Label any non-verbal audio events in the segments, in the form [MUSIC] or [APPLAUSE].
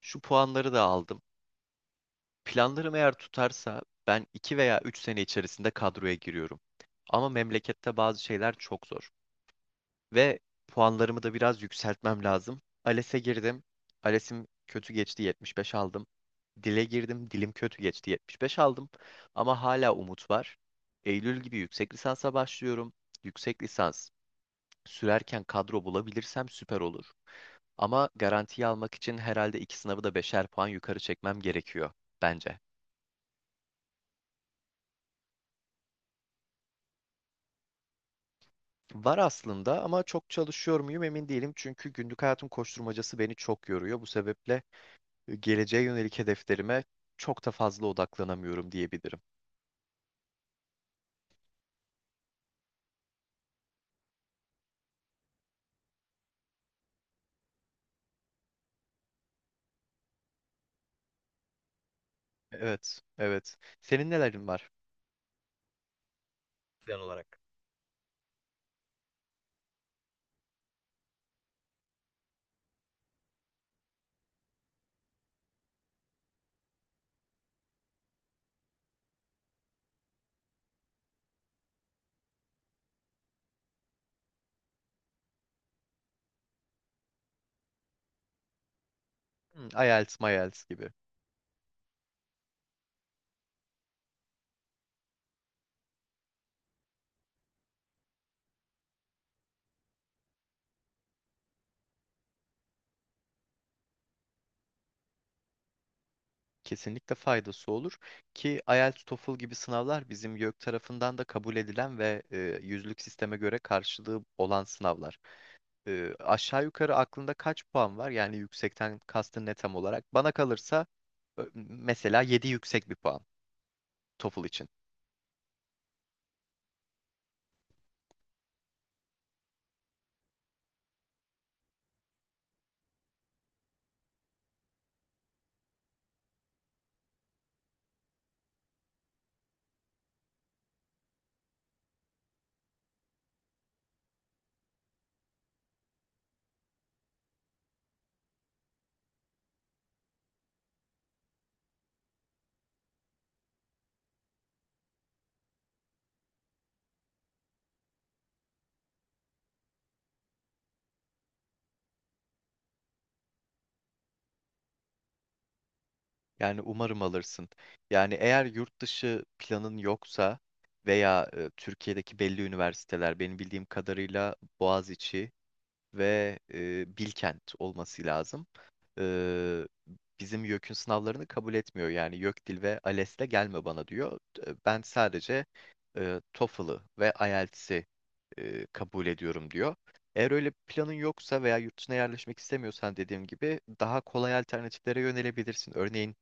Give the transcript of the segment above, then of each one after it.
Şu puanları da aldım. Planlarım eğer tutarsa ben 2 veya 3 sene içerisinde kadroya giriyorum. Ama memlekette bazı şeyler çok zor. Ve puanlarımı da biraz yükseltmem lazım. ALES'e girdim. ALES'im kötü geçti, 75 aldım. Dile girdim. Dilim kötü geçti, 75 aldım. Ama hala umut var. Eylül gibi yüksek lisansa başlıyorum. Yüksek lisans sürerken kadro bulabilirsem süper olur. Ama garantiyi almak için herhalde 2 sınavı da 5'er puan yukarı çekmem gerekiyor bence. Var aslında ama çok çalışıyor muyum emin değilim. Çünkü günlük hayatın koşturmacası beni çok yoruyor. Bu sebeple geleceğe yönelik hedeflerime çok da fazla odaklanamıyorum diyebilirim. Evet, evet. Senin nelerin var? Plan olarak. Hmm, IELTS, MYELTS gibi. Kesinlikle faydası olur ki IELTS, TOEFL gibi sınavlar bizim YÖK tarafından da kabul edilen ve yüzlük sisteme göre karşılığı olan sınavlar. Aşağı yukarı aklında kaç puan var? Yani yüksekten kastın ne tam olarak? Bana kalırsa mesela 7 yüksek bir puan TOEFL için. Yani umarım alırsın. Yani eğer yurt dışı planın yoksa veya Türkiye'deki belli üniversiteler benim bildiğim kadarıyla Boğaziçi ve Bilkent olması lazım. E, bizim YÖK'ün sınavlarını kabul etmiyor. Yani YÖK Dil ve ALES'le gelme bana diyor. Ben sadece TOEFL'ı ve IELTS'i kabul ediyorum diyor. Eğer öyle bir planın yoksa veya yurt dışına yerleşmek istemiyorsan dediğim gibi daha kolay alternatiflere yönelebilirsin. Örneğin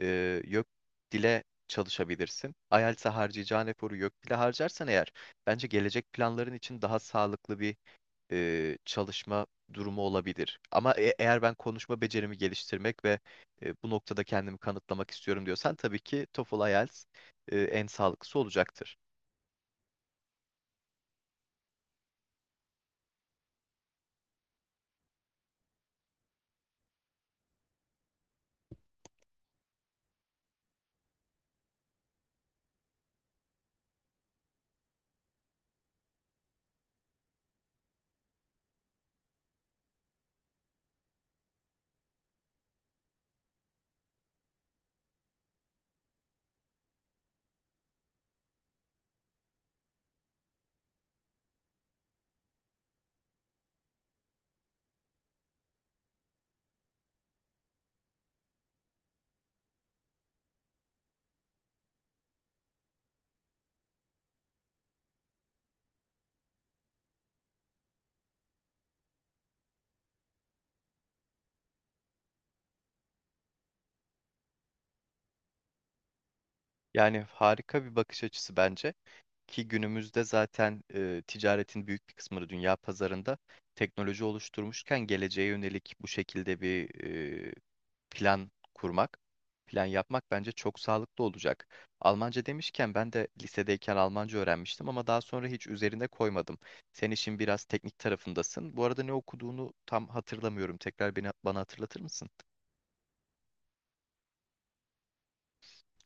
YÖK Dil'e çalışabilirsin. IELTS'e harcayacağın eforu YÖK Dil'e harcarsan eğer bence gelecek planların için daha sağlıklı bir çalışma durumu olabilir. Ama eğer ben konuşma becerimi geliştirmek ve bu noktada kendimi kanıtlamak istiyorum diyorsan tabii ki TOEFL IELTS en sağlıklısı olacaktır. Yani harika bir bakış açısı bence. Ki günümüzde zaten ticaretin büyük bir kısmını dünya pazarında teknoloji oluşturmuşken geleceğe yönelik bu şekilde bir e, plan kurmak, plan yapmak bence çok sağlıklı olacak. Almanca demişken ben de lisedeyken Almanca öğrenmiştim ama daha sonra hiç üzerine koymadım. Sen işin biraz teknik tarafındasın. Bu arada ne okuduğunu tam hatırlamıyorum. Tekrar bana hatırlatır mısın?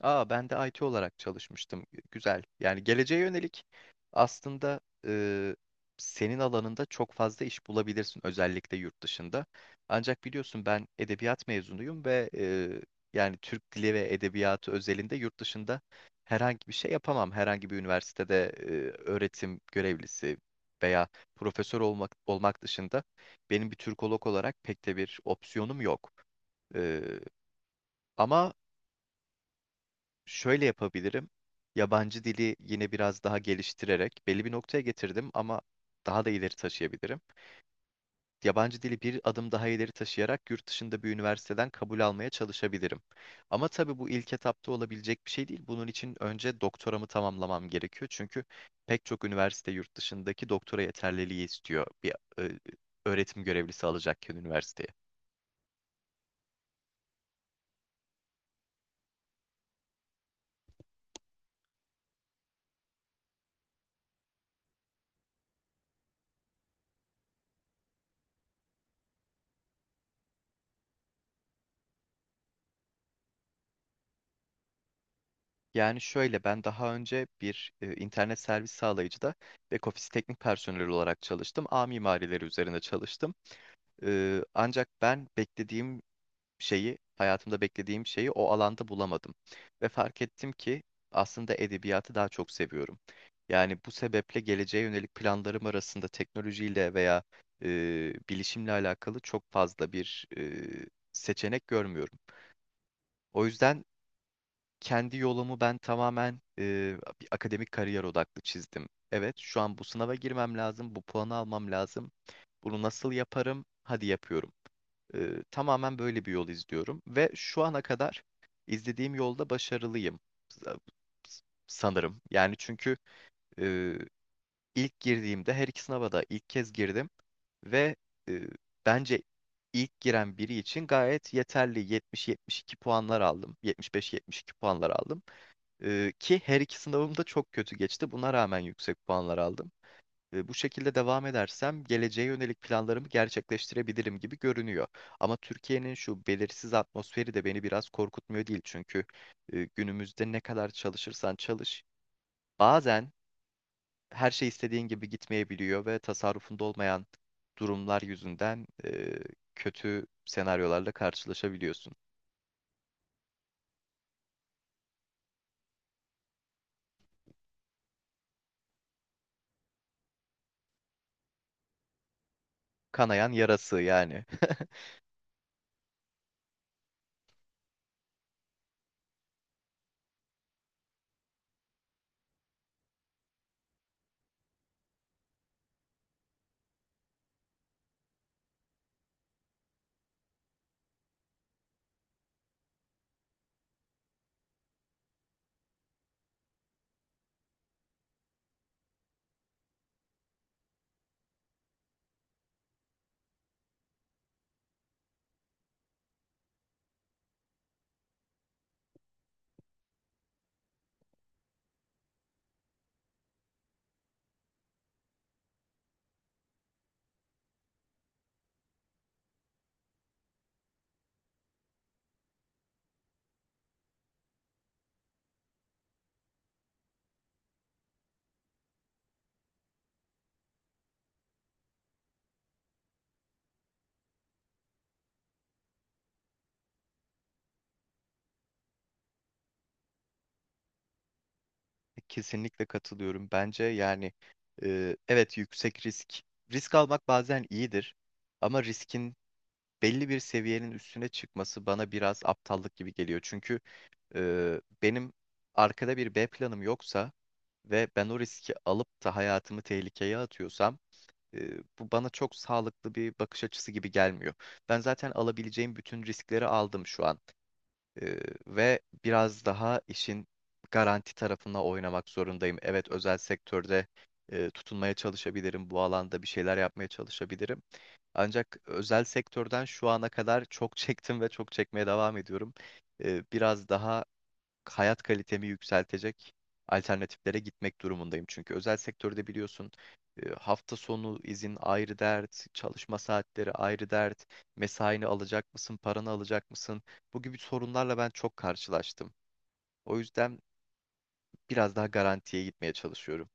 Aa, ben de IT olarak çalışmıştım. Güzel. Yani geleceğe yönelik aslında e, senin alanında çok fazla iş bulabilirsin özellikle yurt dışında. Ancak biliyorsun ben edebiyat mezunuyum ve yani Türk dili ve edebiyatı özelinde yurt dışında herhangi bir şey yapamam. Herhangi bir üniversitede öğretim görevlisi veya profesör olmak dışında benim bir Türkolog olarak pek de bir opsiyonum yok. Ee, ama şöyle yapabilirim. Yabancı dili yine biraz daha geliştirerek belli bir noktaya getirdim ama daha da ileri taşıyabilirim. Yabancı dili bir adım daha ileri taşıyarak yurt dışında bir üniversiteden kabul almaya çalışabilirim. Ama tabii bu ilk etapta olabilecek bir şey değil. Bunun için önce doktoramı tamamlamam gerekiyor. Çünkü pek çok üniversite yurt dışındaki doktora yeterliliği istiyor bir e, öğretim görevlisi alacakken üniversiteye. Yani şöyle ben daha önce bir internet servis sağlayıcıda back office teknik personeli olarak çalıştım. Ağ mimarileri üzerine çalıştım. Ancak ben beklediğim şeyi, hayatımda beklediğim şeyi o alanda bulamadım. Ve fark ettim ki aslında edebiyatı daha çok seviyorum. Yani bu sebeple geleceğe yönelik planlarım arasında teknolojiyle veya e, bilişimle alakalı çok fazla bir seçenek görmüyorum. O yüzden kendi yolumu ben tamamen bir akademik kariyer odaklı çizdim. Evet, şu an bu sınava girmem lazım, bu puanı almam lazım. Bunu nasıl yaparım? Hadi yapıyorum. E, tamamen böyle bir yol izliyorum ve şu ana kadar izlediğim yolda başarılıyım sa- sanırım. Yani çünkü e, ilk girdiğimde her iki sınava da ilk kez girdim ve e, bence ilk giren biri için gayet yeterli 70-72 puanlar aldım. 75-72 puanlar aldım. Ki her iki sınavım da çok kötü geçti. Buna rağmen yüksek puanlar aldım. Bu şekilde devam edersem geleceğe yönelik planlarımı gerçekleştirebilirim gibi görünüyor. Ama Türkiye'nin şu belirsiz atmosferi de beni biraz korkutmuyor değil. Çünkü günümüzde ne kadar çalışırsan çalış, bazen her şey istediğin gibi gitmeyebiliyor ve tasarrufunda olmayan durumlar yüzünden kötü senaryolarla karşılaşabiliyorsun. Kanayan yarası yani. [LAUGHS] Kesinlikle katılıyorum. Bence yani evet, yüksek risk. Risk almak bazen iyidir ama riskin belli bir seviyenin üstüne çıkması bana biraz aptallık gibi geliyor. Çünkü benim arkada bir B planım yoksa ve ben o riski alıp da hayatımı tehlikeye atıyorsam bu bana çok sağlıklı bir bakış açısı gibi gelmiyor. Ben zaten alabileceğim bütün riskleri aldım şu an. Ee, ve biraz daha işin garanti tarafına oynamak zorundayım. Evet, özel sektörde tutunmaya çalışabilirim, bu alanda bir şeyler yapmaya çalışabilirim. Ancak özel sektörden şu ana kadar çok [LAUGHS] çektim ve çok çekmeye devam ediyorum. Biraz daha hayat kalitemi yükseltecek alternatiflere gitmek durumundayım. Çünkü özel sektörde biliyorsun hafta sonu izin ayrı dert, çalışma saatleri ayrı dert, mesaini alacak mısın, paranı alacak mısın? Bu gibi sorunlarla ben çok karşılaştım. O yüzden biraz daha garantiye gitmeye çalışıyorum.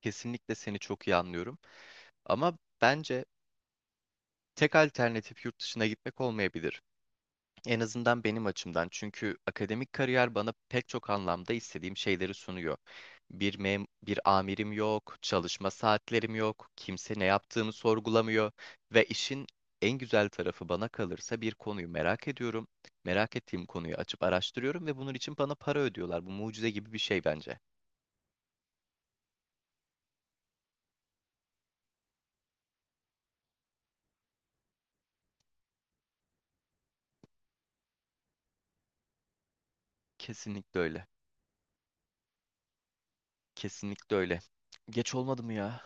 Kesinlikle seni çok iyi anlıyorum. Ama bence tek alternatif yurt dışına gitmek olmayabilir. En azından benim açımdan. Çünkü akademik kariyer bana pek çok anlamda istediğim şeyleri sunuyor. Bir amirim yok, çalışma saatlerim yok, kimse ne yaptığımı sorgulamıyor ve işin en güzel tarafı bana kalırsa bir konuyu merak ediyorum. Merak ettiğim konuyu açıp araştırıyorum ve bunun için bana para ödüyorlar. Bu mucize gibi bir şey bence. Kesinlikle öyle. Kesinlikle öyle. Geç olmadı mı ya?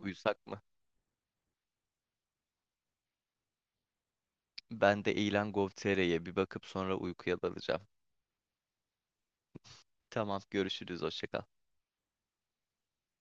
Uyusak mı? Ben de ilan.gov.tr'ye bir bakıp sonra uykuya dalacağım. Tamam, görüşürüz. Hoşça kal.